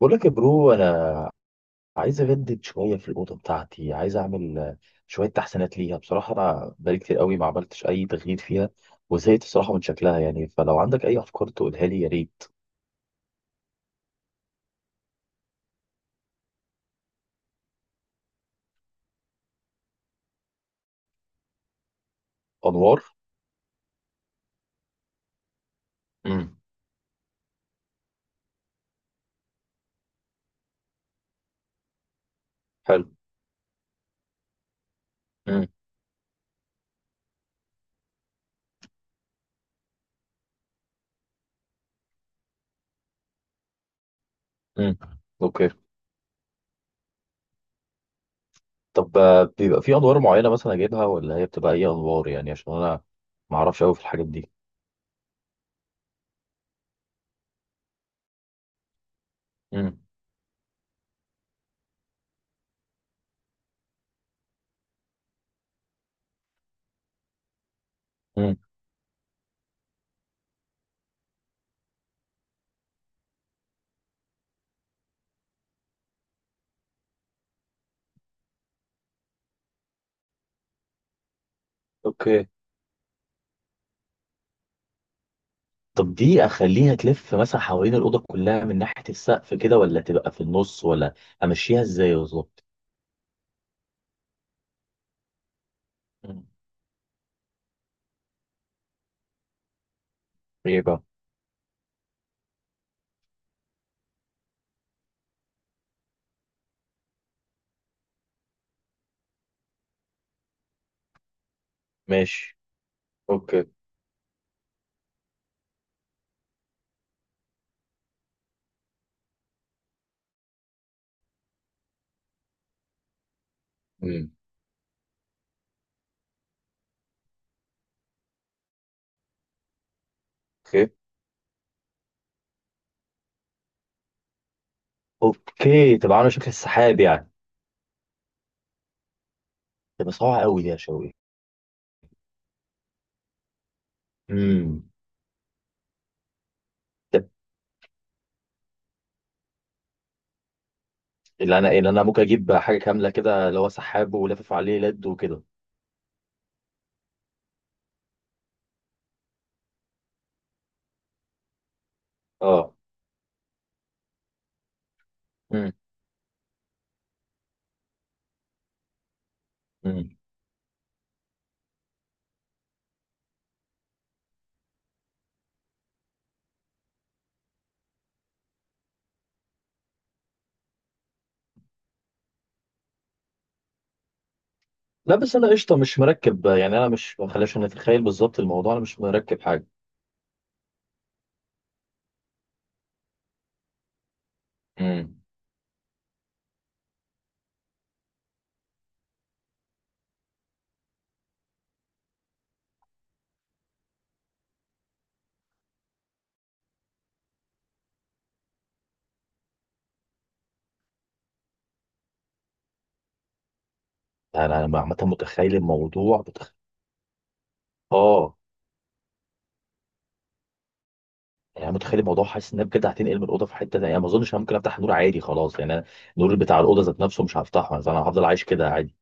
بقول لك يا برو، انا عايز اجدد شويه في الاوضه بتاعتي. عايز اعمل شويه تحسينات ليها. بصراحه انا بقالي كتير قوي ما عملتش اي تغيير فيها، وزهقت بصراحه من شكلها. يعني فلو عندك اي افكار تقولها لي يا ريت. انوار. امم. حلو. امم. امم. اوكي. طب بيبقى في انوار معينه مثلا اجيبها ولا هي بتبقى اي انوار؟ يعني عشان انا ما اعرفش قوي في الحاجات دي. امم. امم. اوكي. طب دي اخليها تلف مثلا حوالين الاوضه كلها من ناحيه السقف كده، ولا تبقى في النص، ولا امشيها ازاي بالظبط؟ مم. ايه بقى؟ ماشي. اوكي. امم. اوكي. اوكي، تبقى عامله شكل السحاب يعني. تبقى صعبه قوي دي يا شوقي. امم. طب اللي انا ممكن اجيب حاجه كامله كده، اللي هو سحاب ولافف عليه لد وكده. اه. مم. مم. لا بس انا قشطه مش مركب، يعني انا مش، ما خليش نتخيل بالظبط الموضوع، انا مش مركب حاجه. امم. انا عامه متخيل الموضوع، اه. يعني أنا متخيل الموضوع، حاسس ان انا بجد هتنقل من الاوضه في حته تانية. يعني ما اظنش انا ممكن افتح النور عادي خلاص. يعني أنا النور بتاع الاوضه ذات نفسه مش هفتحه، فانا هفضل عايش كده عادي.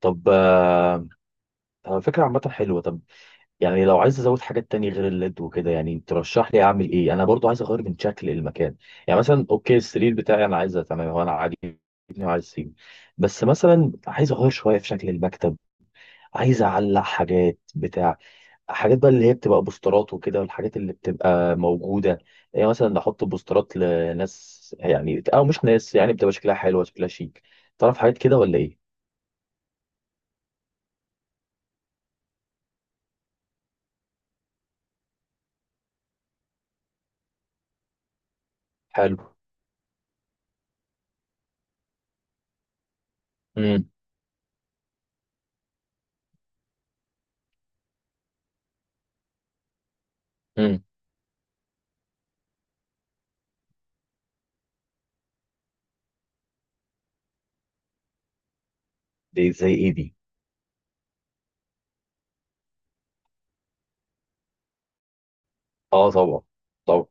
طب طب فكره عامه حلوه. طب يعني لو عايز ازود حاجات تانية غير الليد وكده، يعني ترشح لي اعمل ايه؟ انا برضو عايز اغير من شكل المكان. يعني مثلا اوكي، السرير بتاعي انا عايزه تمام، هو انا عاجبني وعايز اسيبه. بس مثلا عايز اغير شويه في شكل المكتب. عايز اعلق حاجات بتاع، حاجات بقى اللي هي بتبقى بوسترات وكده، والحاجات اللي بتبقى موجودة. يعني مثلا نحط بوسترات لناس، يعني أو مش ناس يعني، بتبقى شكلها حلوة شكلها شيك. تعرف حاجات كده ولا إيه؟ حلو. امم. امم. دي زي إيه دي؟ أه طبعا، طبعا.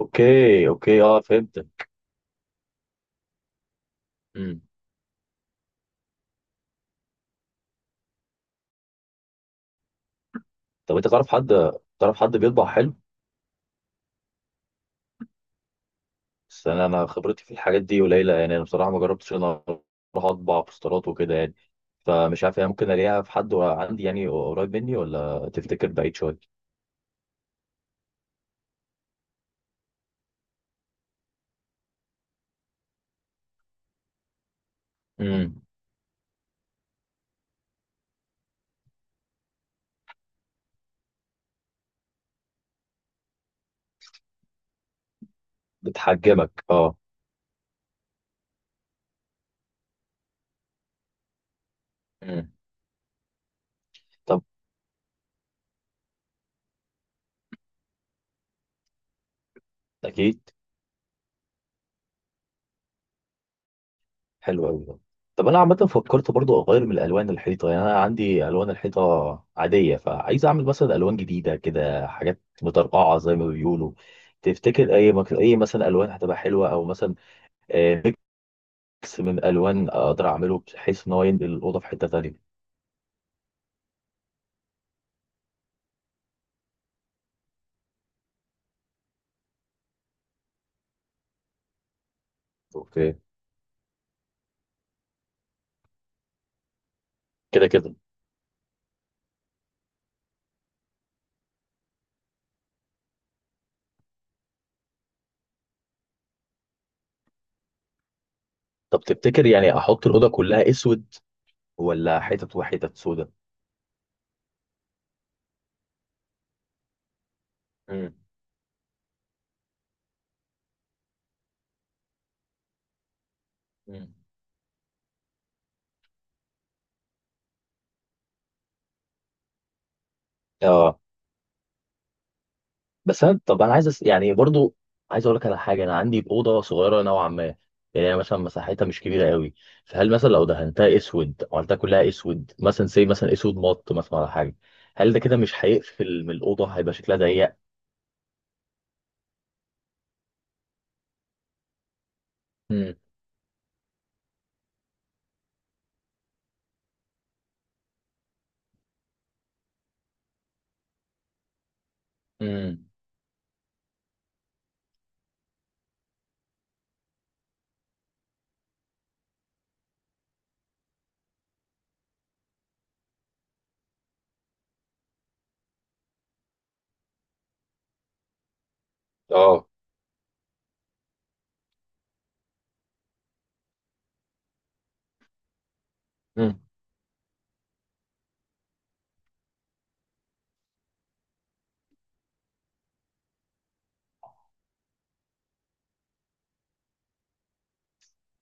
أوكي، أوكي، أه فهمت. امم. طب أنت تعرف حد بيطبع حلو؟ بس أنا خبرتي في الحاجات دي قليلة. يعني أنا بصراحة ما جربتش إن أنا أروح أطبع بوسترات وكده يعني. فمش عارف، يعني ممكن ألاقيها في حد عندي يعني قريب مني، ولا تفتكر بعيد شوية؟ مم. بتحجمك اه. مم. طب. اكيد. حلو قوي ده. طب انا عامه فكرت برضو اغير من الالوان الحيطه. يعني انا عندي الوان الحيطه عاديه، فعايز اعمل مثلا الوان جديده كده، حاجات مترقعه زي ما بيقولوا. تفتكر اي اي مثلا الوان هتبقى حلوه، او مثلا آه، ميكس من الوان اقدر اعمله بحيث ان هو ينقل الاوضه في حته تانيه. اوكي. كده كده. طب تفتكر يعني احط الاوضه كلها اسود، ولا حتت وحتت سودا؟ مم. مم. اه. بس انا طب انا عايز يعني برضو عايز اقول لك على حاجه، انا عندي اوضه صغيره نوعا ما. يعني هي مثلا مساحتها مش كبيره قوي. فهل مثلا لو دهنتها اسود، عملتها كلها اسود مثلا، زي مثلا اسود مط مثلا على حاجه، هل ده كده مش هيقفل من الاوضه هيبقى شكلها ضيق؟ امم. امم. اه. مم.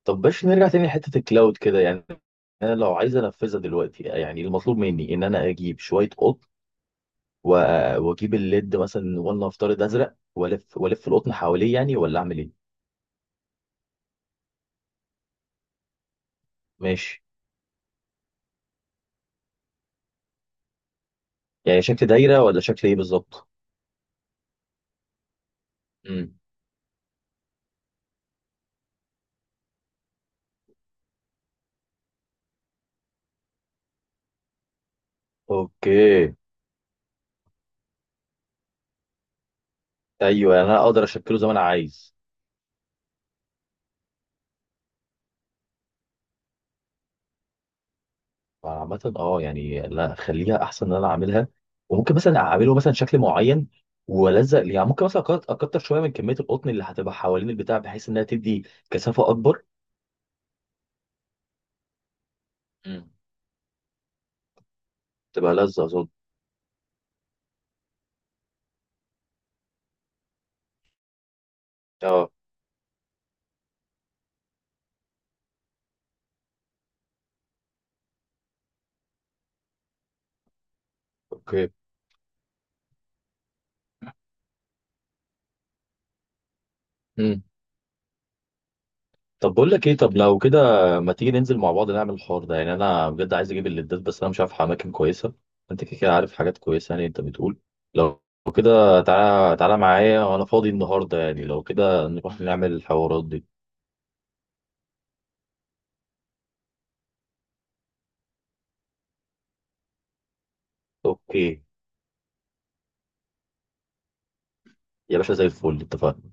طب باش نرجع تاني لحته الكلاود كده يعني. انا لو عايز انفذها دلوقتي، يعني المطلوب مني ان انا اجيب شويه قطن، واجيب الليد مثلا ولنفترض ازرق، والف والف القطن حواليه يعني، ولا اعمل ايه؟ ماشي. يعني شكل دايرة ولا شكل ايه بالظبط؟ امم. اوكي. ايوه يعني انا اقدر اشكله زي ما انا عايز. عامة اه، يعني لا، خليها احسن ان انا اعملها. وممكن مثلا اعمله مثلا شكل معين والزق ليه. يعني ممكن مثلا اكتر شويه من كميه القطن اللي هتبقى حوالين البتاع، بحيث انها تدي كثافه اكبر. امم. تبقى لذة اظن. اه. اوكي. طب بقول لك ايه، طب لو كده ما تيجي ننزل مع بعض نعمل الحوار ده؟ يعني انا بجد عايز اجيب الليدات بس انا مش عارف اماكن كويسه. انت كده كده عارف حاجات كويسه. يعني انت بتقول، لو كده تعالى، تعالى معايا وانا فاضي النهارده. يعني لو كده نروح نعمل الحوارات دي. اوكي يا باشا، زي الفل، اتفقنا.